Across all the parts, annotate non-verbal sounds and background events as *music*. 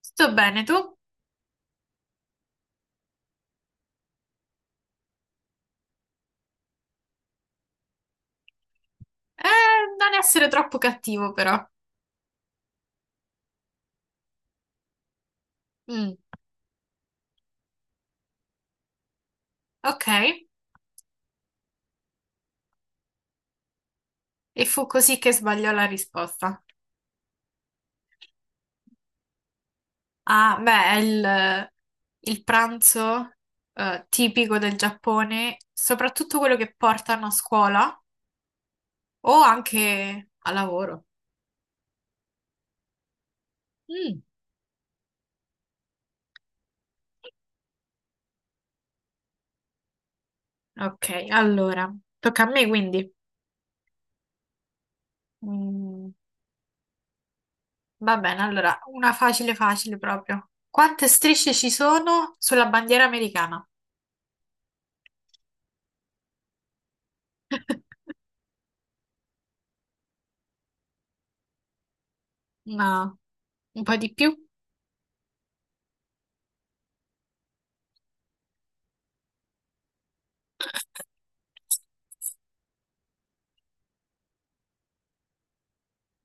Sto bene, tu? Non essere troppo cattivo, però. Mm, ok. E fu così che sbagliò la risposta. Ah, beh, è il pranzo tipico del Giappone, soprattutto quello che portano a scuola o anche a lavoro. Mm, ok, allora, tocca a me quindi. Mm, va bene, allora, una facile facile proprio. Quante strisce ci sono sulla bandiera americana? *laughs* Ma un po' di più.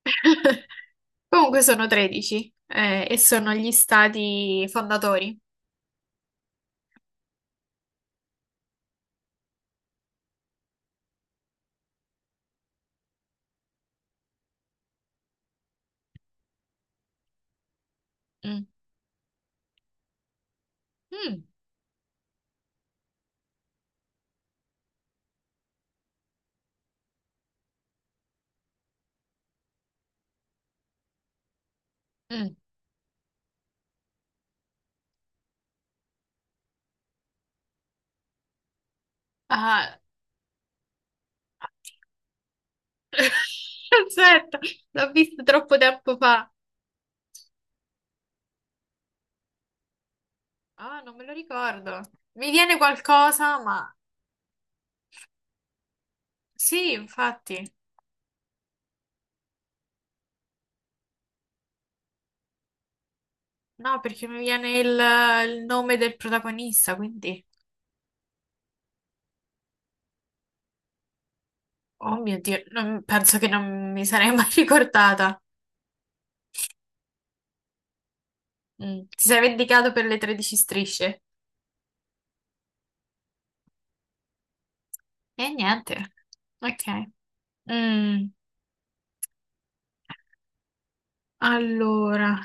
*laughs* Comunque sono 13 e sono gli stati fondatori. Mm. Mm, mm. Ah. *laughs* Aspetta, l'ho visto troppo tempo fa. Ah, non me lo ricordo. Mi viene qualcosa, ma sì, infatti. No, perché mi viene il nome del protagonista, quindi... Oh mio Dio, penso che non mi sarei mai *laughs* ricordata. Mm. Ti sei vendicato per le 13 strisce? E niente. Ok. Mm. Allora,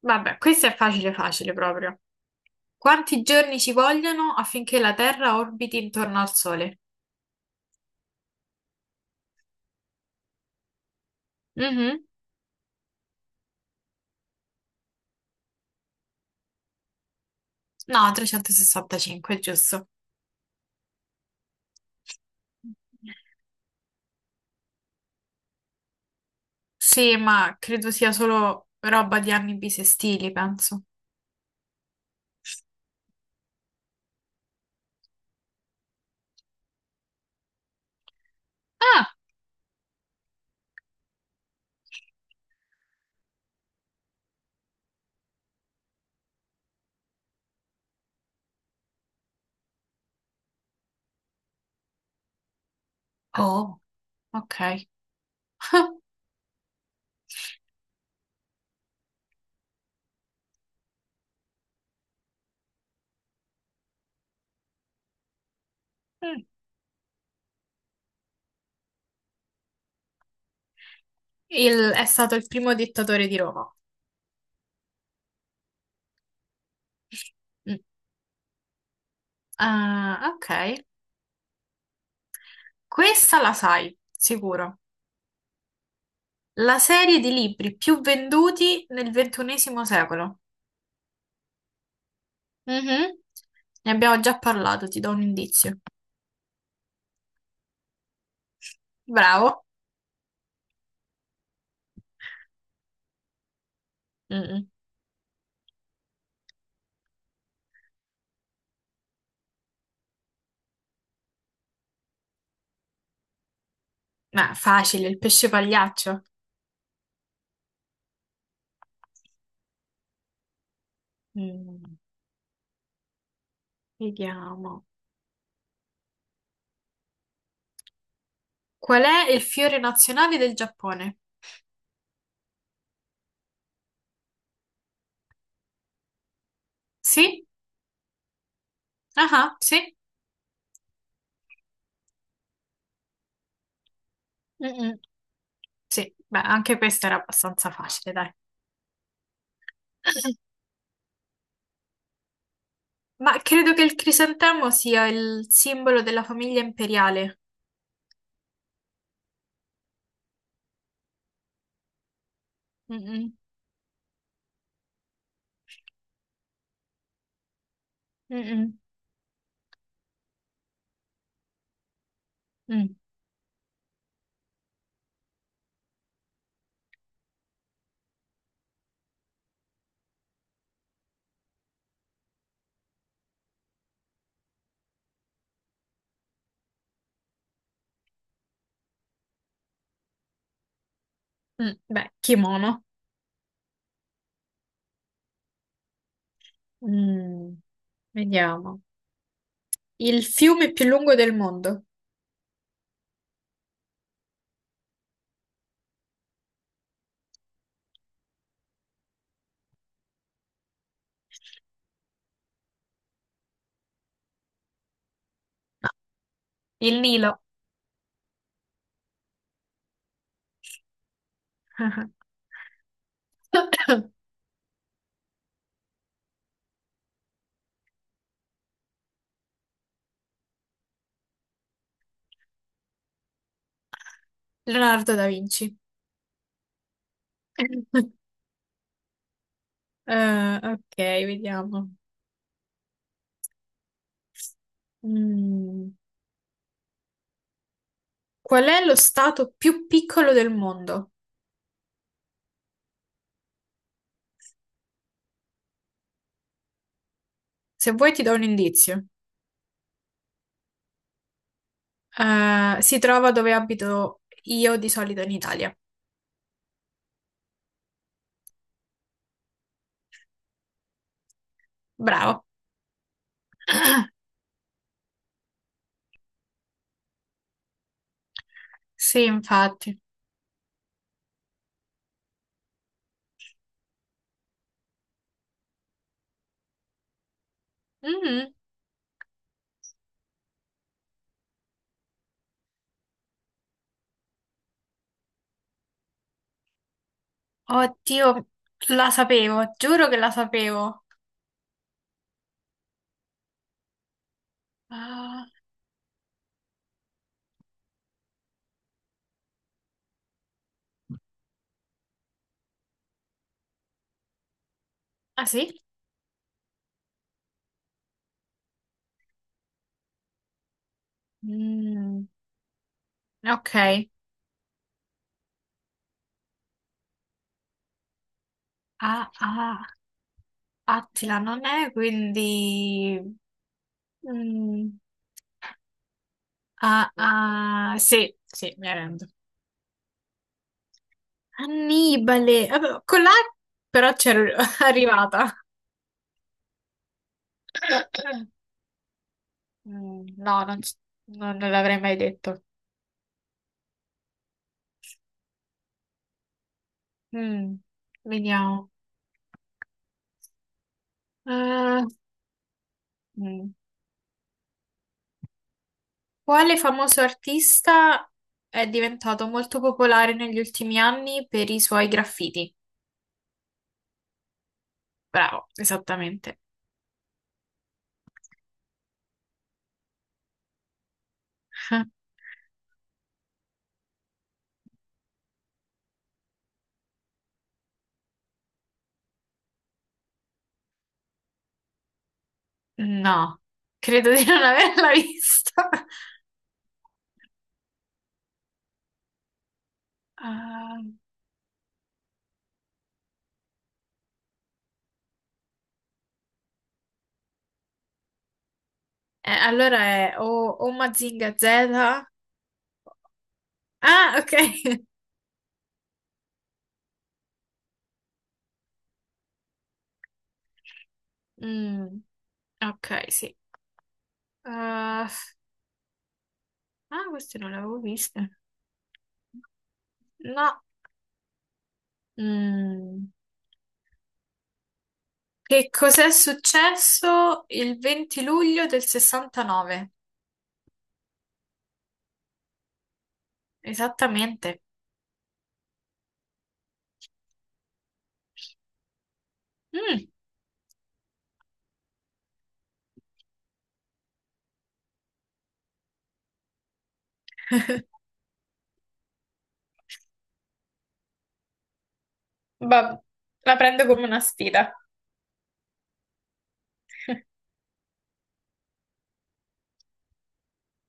vabbè, questo è facile, facile proprio. Quanti giorni ci vogliono affinché la Terra orbiti intorno al Sole? Mhm. No, 365, giusto. Sì, ma credo sia solo roba di anni bisestili, penso. Ah, oh, ok. *laughs* Mm. È stato il primo dittatore di Roma. Mm. Ah, ok. Questa la sai, sicuro. La serie di libri più venduti nel 21º secolo. Mhm. Ne abbiamo già parlato, ti do un indizio. Bravo. Mm. Ma facile, il pesce pagliaccio. Mm, Vediamo. Qual è il fiore nazionale del Giappone? Sì? Ah, sì? Mm-mm. Sì, beh, anche questa era abbastanza facile, dai. Ma credo che il crisantemo sia il simbolo della famiglia imperiale. Mm-mm, mm-mm, mm. Mm, beh, kimono. Mm, Vediamo. Il fiume più lungo del mondo. Il Nilo. *coughs* *laughs* Leonardo da Vinci. *laughs* Ok, vediamo. Mm, Qual è lo stato più piccolo del mondo? Se vuoi ti do un indizio. Si trova dove abito io di solito in Italia. Bravo. Sì, infatti. Mhm. Oddio, la sapevo, giuro che la sapevo. Ah, ah, sì? Mm, ok. Ah, ah, Attila non è, quindi... Mm, ah, ah, sì, sì, mi arrendo. Annibale, vabbè, con la però c'ero *laughs* arrivata. No, non l'avrei mai detto. Mm, Vediamo. Eh, mm. Quale famoso artista è diventato molto popolare negli ultimi anni per i suoi graffiti? Bravo, esattamente. *laughs* No, credo di non *laughs* averla vista. Ah, allora è o Mazinga Z. Ah, ok. *laughs* Mm, ok, sì. Ah, ah, queste non le avevo viste. No. Mm. Che cos'è successo il 20 luglio del 69? Esattamente. Mm, vabbè, la prendo come una sfida.